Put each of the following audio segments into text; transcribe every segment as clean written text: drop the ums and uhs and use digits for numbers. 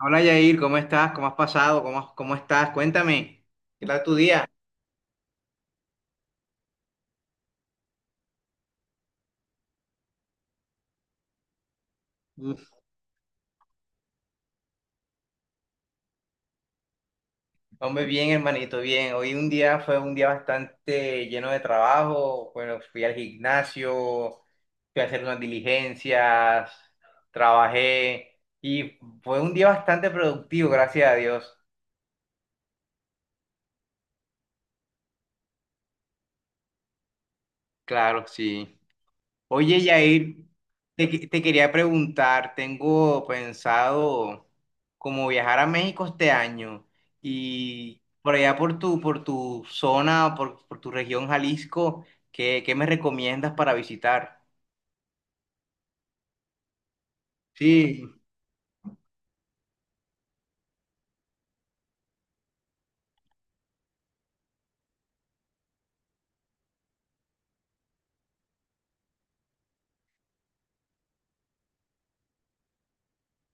Hola Yair, ¿cómo estás? ¿Cómo has pasado? ¿Cómo estás? Cuéntame, ¿qué tal tu día? Uf. Hombre, bien, hermanito, bien. Hoy un día fue un día bastante lleno de trabajo. Bueno, fui al gimnasio, fui a hacer unas diligencias, trabajé y fue un día bastante productivo, gracias a Dios. Claro, sí. Oye, Yair, te quería preguntar, tengo pensado como viajar a México este año y por allá por tu zona, por tu región Jalisco, ¿qué me recomiendas para visitar? Sí,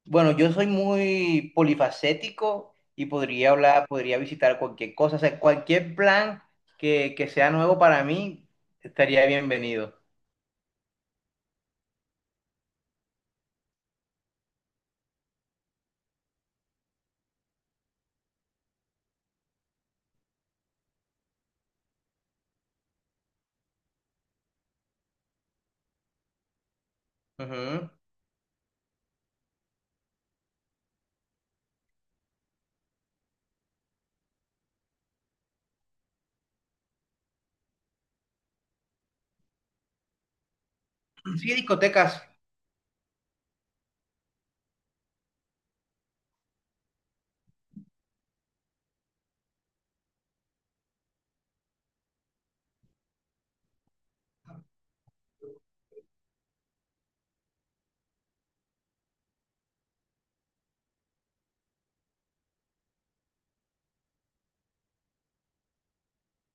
bueno, yo soy muy polifacético y podría hablar, podría visitar cualquier cosa, o sea, cualquier plan que sea nuevo para mí estaría bienvenido. Ujú. Sí, discotecas.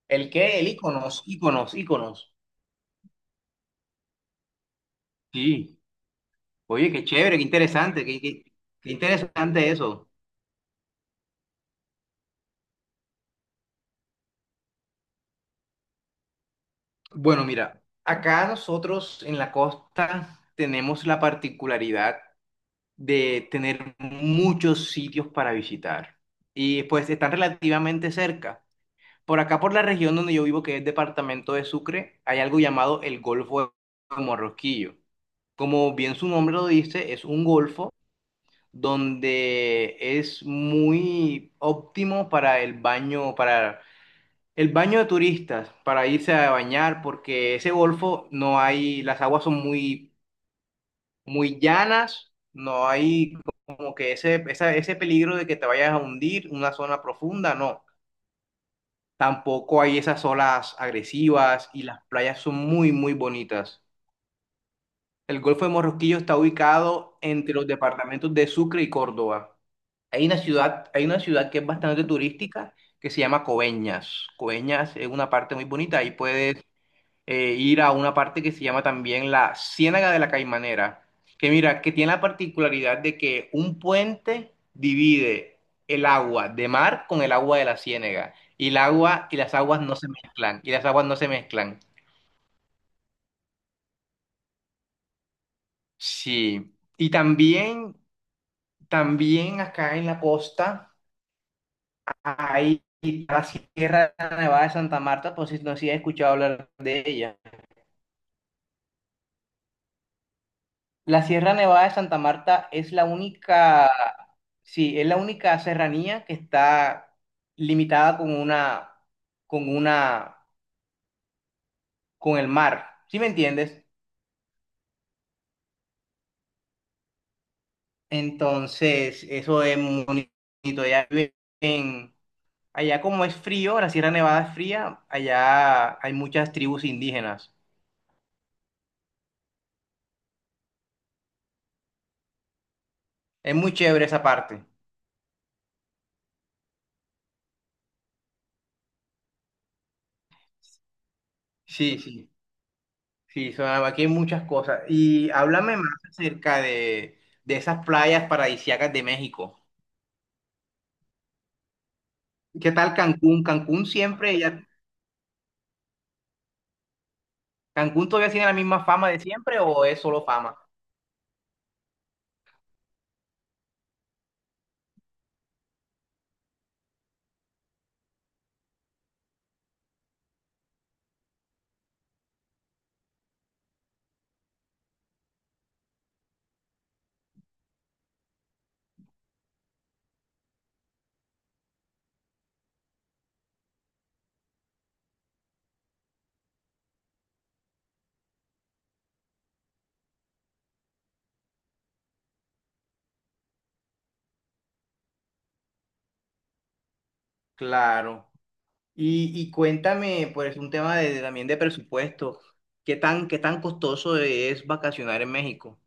¿El qué? El iconos, iconos, iconos. Sí. Oye, qué chévere, qué interesante, qué interesante eso. Bueno, mira, acá nosotros en la costa tenemos la particularidad de tener muchos sitios para visitar y pues están relativamente cerca. Por acá, por la región donde yo vivo, que es departamento de Sucre, hay algo llamado el Golfo de Morrosquillo. Como bien su nombre lo dice, es un golfo donde es muy óptimo para el baño de turistas, para irse a bañar, porque ese golfo no hay, las aguas son muy, muy llanas, no hay como que ese peligro de que te vayas a hundir una zona profunda, no. Tampoco hay esas olas agresivas y las playas son muy, muy bonitas. El Golfo de Morrosquillo está ubicado entre los departamentos de Sucre y Córdoba. Hay una ciudad que es bastante turística que se llama Coveñas. Coveñas es una parte muy bonita. Ahí puedes ir a una parte que se llama también la Ciénaga de la Caimanera. Que mira, que tiene la particularidad de que un puente divide el agua de mar con el agua de la ciénaga. Y el agua y las aguas no se mezclan. Y las aguas no se mezclan. Sí. Y también acá en la costa. Ahí, la Sierra Nevada de Santa Marta, pues si no si has escuchado hablar de ella. La Sierra Nevada de Santa Marta es la única, sí, es la única serranía que está limitada con una, con el mar, ¿sí me entiendes? Entonces, eso es muy bonito. Allá como es frío, la Sierra Nevada es fría, allá hay muchas tribus indígenas. Es muy chévere esa parte. Sí, sí. Sí, sonaba, aquí hay muchas cosas. Y háblame más acerca de esas playas paradisíacas de México. ¿Qué tal Cancún? Cancún todavía tiene la misma fama de siempre o es solo fama? Claro. Y cuéntame, pues, un tema de también de presupuesto. ¿Qué tan costoso es vacacionar en México?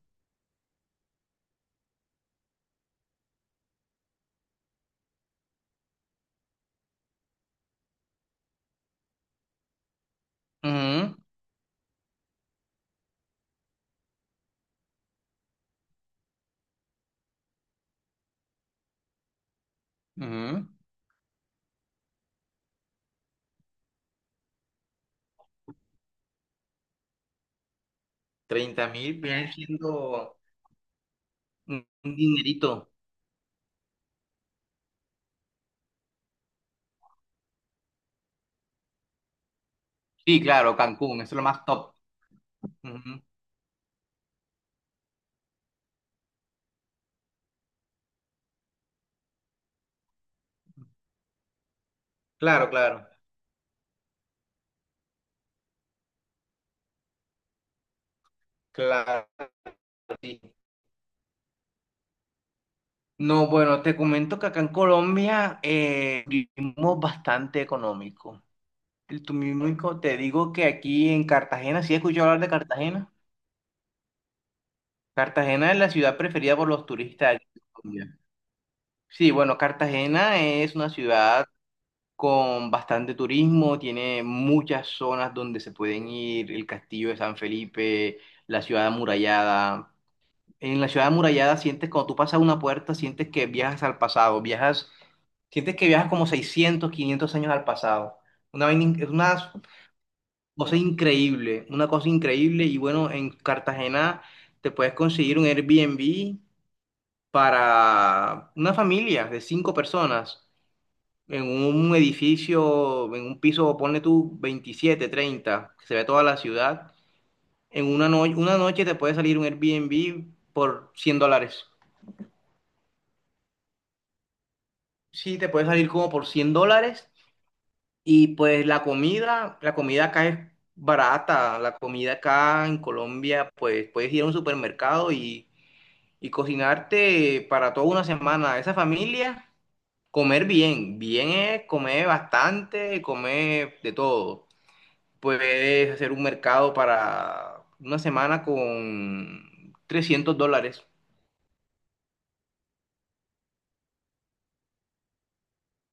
Ujú, ujú. 30.000 viene siendo un dinerito. Sí, claro, Cancún, eso es lo más top. Ujú. Claro, claro, claro. Sí. No, bueno, te comento que acá en Colombia vivimos bastante económico. Te digo que aquí en Cartagena, ¿sí he escuchado hablar de Cartagena? Cartagena es la ciudad preferida por los turistas aquí en Colombia. Sí, bueno, Cartagena es una ciudad con bastante turismo, tiene muchas zonas donde se pueden ir, el Castillo de San Felipe, la ciudad amurallada. En la ciudad amurallada sientes, cuando tú pasas una puerta, sientes que viajas al pasado, viajas, sientes que viajas como 600 500 años al pasado. Es una cosa increíble, una cosa increíble. Y bueno, en Cartagena te puedes conseguir un Airbnb para una familia de cinco personas en un edificio, en un piso, ponle tú 27 30 que se ve toda la ciudad. En una, no- una noche te puede salir un Airbnb por 100 dólares. Sí, te puede salir como por 100 dólares y pues la comida, acá es barata, la comida acá en Colombia, pues puedes ir a un supermercado y cocinarte para toda una semana. Esa familia, comer bien, bien es comer bastante, comer de todo. Puedes hacer un mercado para una semana con 300 dólares.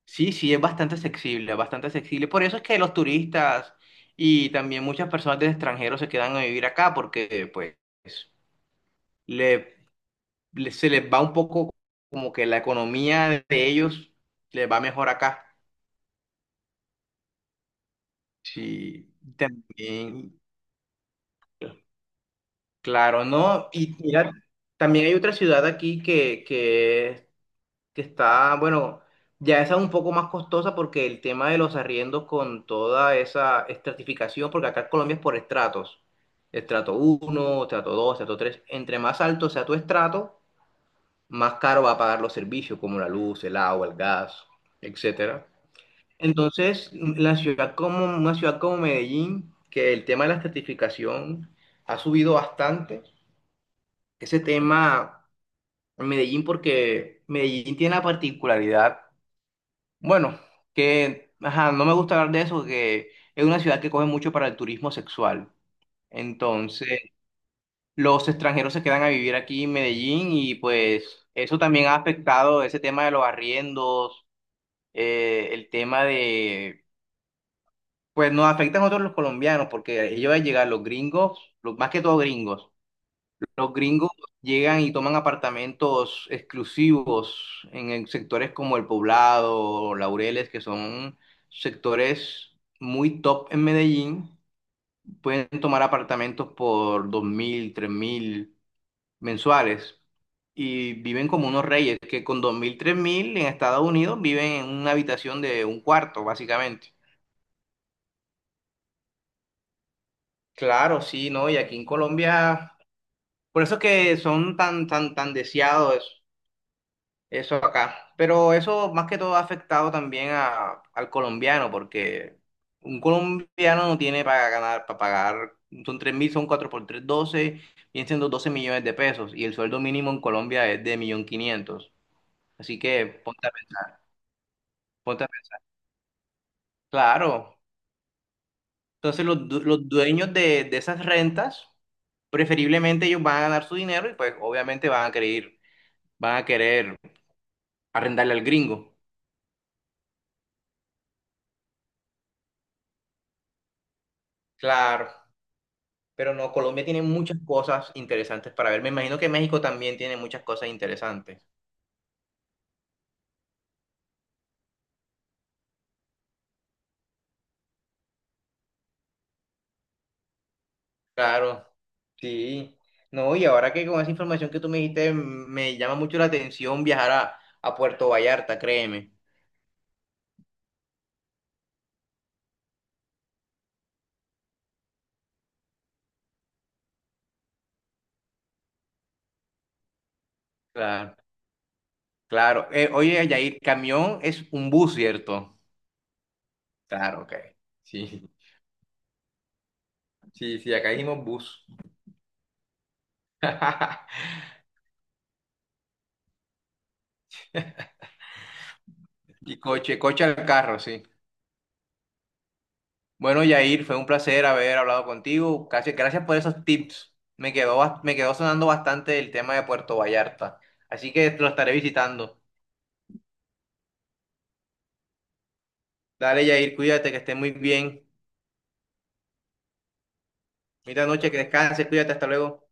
Sí, sí, es bastante accesible, bastante accesible. Por eso es que los turistas y también muchas personas del extranjero se quedan a vivir acá porque pues le, se les va un poco como que la economía de ellos les va mejor acá. Sí, también, claro, ¿no? Y mira, también hay otra ciudad aquí que está, bueno, ya esa es un poco más costosa porque el tema de los arriendos con toda esa estratificación, porque acá en Colombia es por estratos, estrato uno estrato 2 estrato 3 entre más alto sea tu estrato, más caro va a pagar los servicios como la luz, el agua, el gas, etcétera. Entonces, la ciudad como una ciudad como Medellín, que el tema de la estratificación ha subido bastante, ese tema en Medellín porque Medellín tiene la particularidad. Bueno, que ajá, no me gusta hablar de eso, que es una ciudad que coge mucho para el turismo sexual. Entonces, los extranjeros se quedan a vivir aquí en Medellín y pues eso también ha afectado ese tema de los arriendos, eh, el tema de, pues nos afecta a nosotros los colombianos, porque ellos al llegar, los gringos, más que todo gringos. Los gringos llegan y toman apartamentos exclusivos en sectores como El Poblado, Laureles, que son sectores muy top en Medellín. Pueden tomar apartamentos por dos mil, tres mil mensuales y viven como unos reyes, que con dos mil, tres mil en Estados Unidos viven en una habitación de un cuarto, básicamente. Claro, sí, ¿no? Y aquí en Colombia, por eso es que son tan, tan, tan deseados. Eso acá. Pero eso más que todo ha afectado también al colombiano, porque un colombiano no tiene para ganar, para pagar, son 3 mil, son 4 por 3 12 vienen siendo 12 millones de pesos, y el sueldo mínimo en Colombia es de 1.500.000. Así que ponte a pens- Claro. Entonces los dueños de esas rentas, preferiblemente ellos van a ganar su dinero y pues obviamente van a querer arrendarle al gringo. Claro. Pero no, Colombia tiene muchas cosas interesantes para ver. Me imagino que México también tiene muchas cosas interesantes. Claro, sí. No, y ahora que con esa información que tú me dijiste, me llama mucho la atención viajar a Puerto Vallarta, créeme. Claro, claro. Oye, Yair, camión es un bus, ¿cierto? Claro, ok. Sí, sí, sí, acá dijimos bus. Y coche, coche al carro, sí. Bueno, Yair, fue un placer haber hablado contigo. Gracias por esos tips. Me quedó sonando bastante el tema de Puerto Vallarta. Así que lo estaré visitando. Dale, Yair, cuídate, que estés muy bien. Bonita noche, que descanses, cuídate, hasta luego.